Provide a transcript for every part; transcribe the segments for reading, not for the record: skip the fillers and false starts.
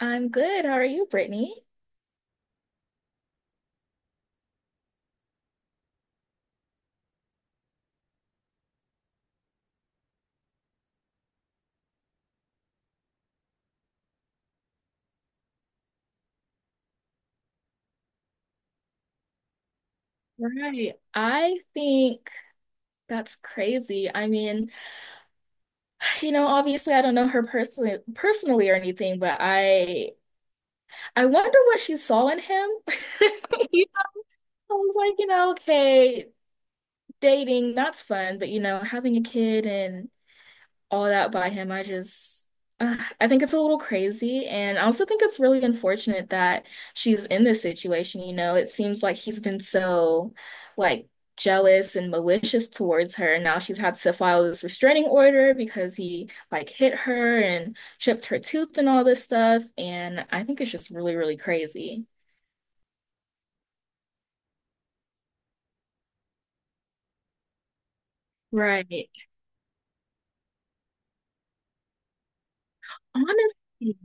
I'm good. How are you, Brittany? Right. I think that's crazy. I mean, you know, obviously I don't know her personally or anything, but I wonder what she saw in him. You know, I was like, you know, okay, dating, that's fun, but you know, having a kid and all that by him. I just I think it's a little crazy. And I also think it's really unfortunate that she's in this situation. You know, it seems like he's been so, like, jealous and malicious towards her. And now she's had to file this restraining order because he, like, hit her and chipped her tooth and all this stuff. And I think it's just really, really crazy. Right. Honestly,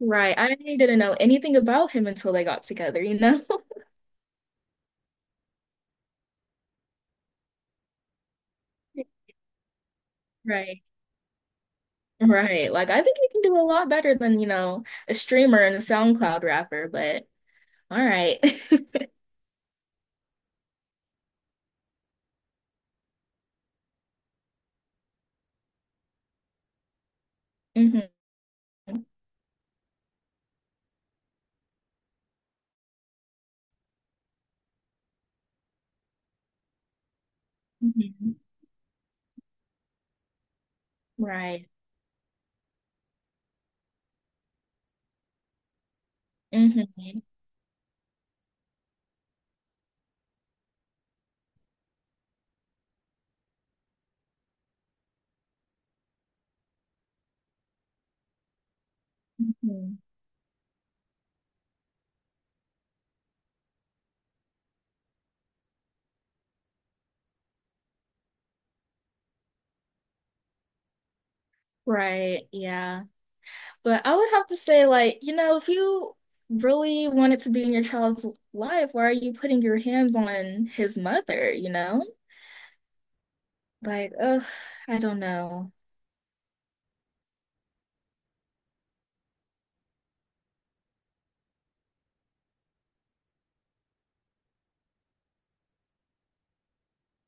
right. I didn't know anything about him until they got together, you know? Right. Right. Like I think you can do a lot better than, you know, a streamer and a SoundCloud rapper, but alright. Hmm. Hmm. Right. Mm-hmm. Mm-hmm. Right. Mm-hmm. Hmm. Right. Yeah. But I would have to say, like, you know, if you really wanted to be in your child's life, why are you putting your hands on his mother, you know? Like, oh, I don't know.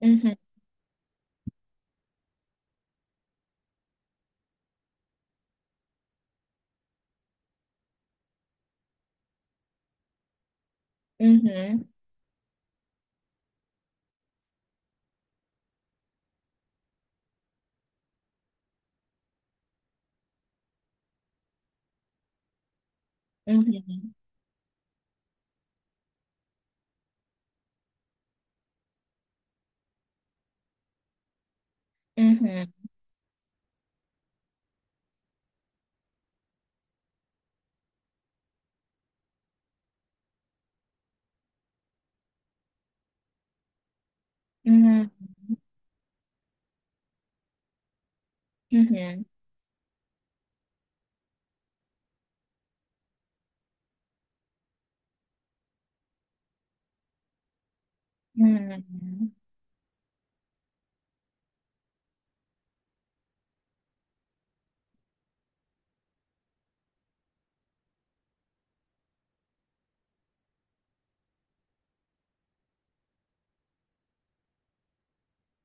Mm-hmm. Hmm. Hmm. Hmm. Hmm. Hmm. Hmm.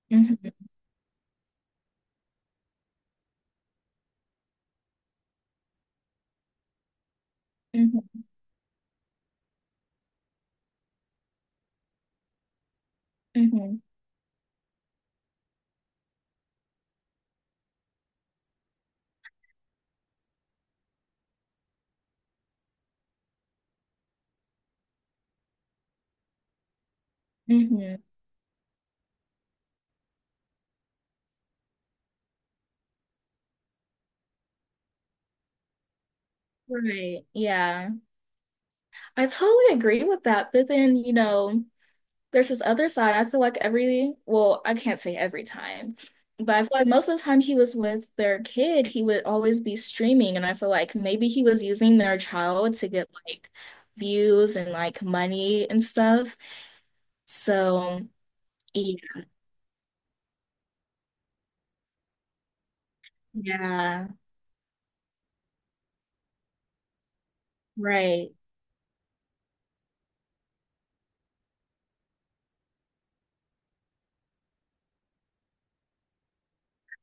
Hmm. Hmm. Hmm. Hmm. Right. Yeah. I totally agree with that. But then, you know, there's this other side. I feel like well, I can't say every time, but I feel like most of the time he was with their kid, he would always be streaming. And I feel like maybe he was using their child to get like views and like money and stuff. So, yeah. Yeah. Right.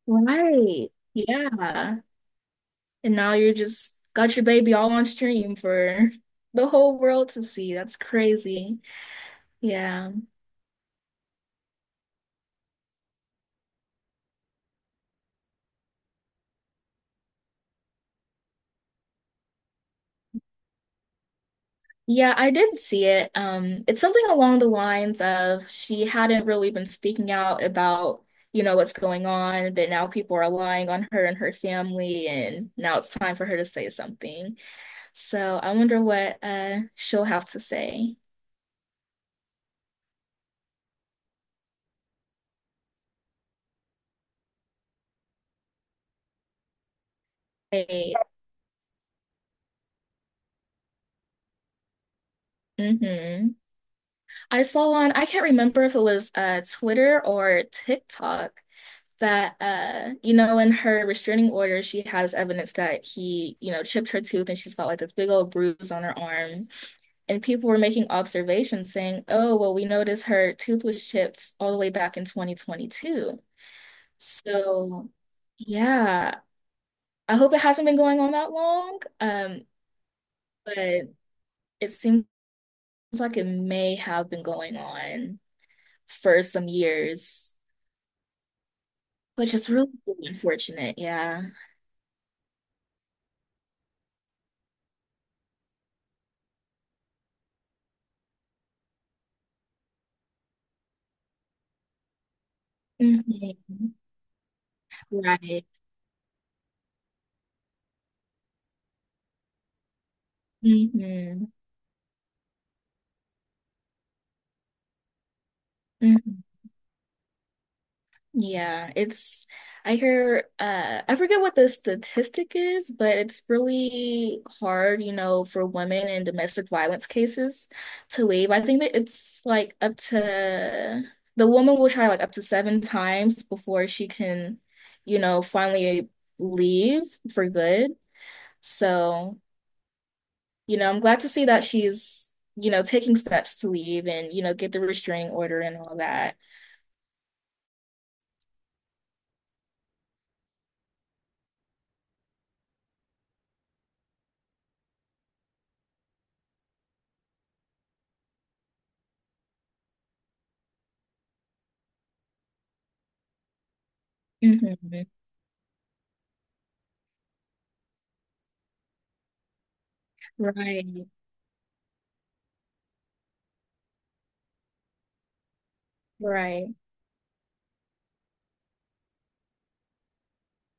Right. Yeah. And now you're just got your baby all on stream for the whole world to see. That's crazy. Yeah. Yeah, I did see it. It's something along the lines of she hadn't really been speaking out about, you know, what's going on, but now people are relying on her and her family, and now it's time for her to say something. So I wonder what she'll have to say. Right. Hmm. I saw one, I can't remember if it was Twitter or TikTok that you know in her restraining order she has evidence that he you know chipped her tooth and she's got like this big old bruise on her arm, and people were making observations saying, oh well, we noticed her tooth was chipped all the way back in 2022. So yeah, I hope it hasn't been going on that long, but it seems like it may have been going on for some years, which is really unfortunate. Yeah. Mhm. Right. Hmm. Hmm. Yeah, it's I hear, I forget what the statistic is, but it's really hard, you know, for women in domestic violence cases to leave. I think that it's like up to, the woman will try like up to 7 times before she can, you know, finally leave for good. So, you know, I'm glad to see that she's, you know, taking steps to leave and, you know, get the restraining order and all that. Right, right.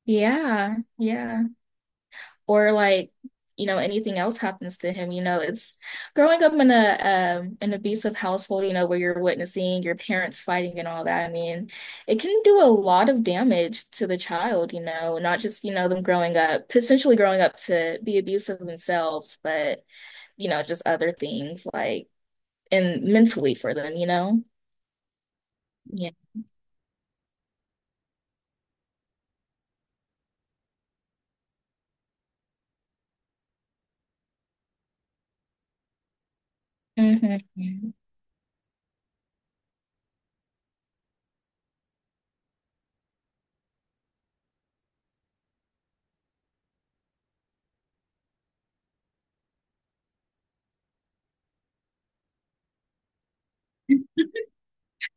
Yeah, yeah. Or like, you know, anything else happens to him, you know, it's growing up in a an abusive household, you know, where you're witnessing your parents fighting and all that. I mean, it can do a lot of damage to the child, you know, not just, you know, them growing up, potentially growing up to be abusive themselves, but, you know, just other things like and mentally for them, you know? Yeah. Hmm.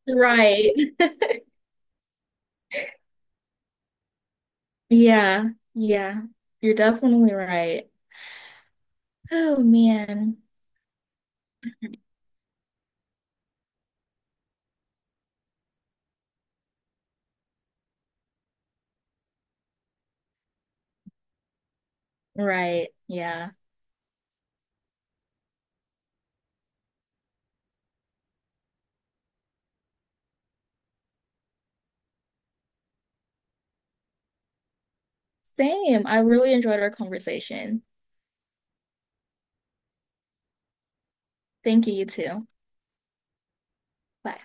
Right. Yeah, yeah, you're definitely right. Oh man, right. Yeah. Same. I really enjoyed our conversation. Thank you, you too. Bye.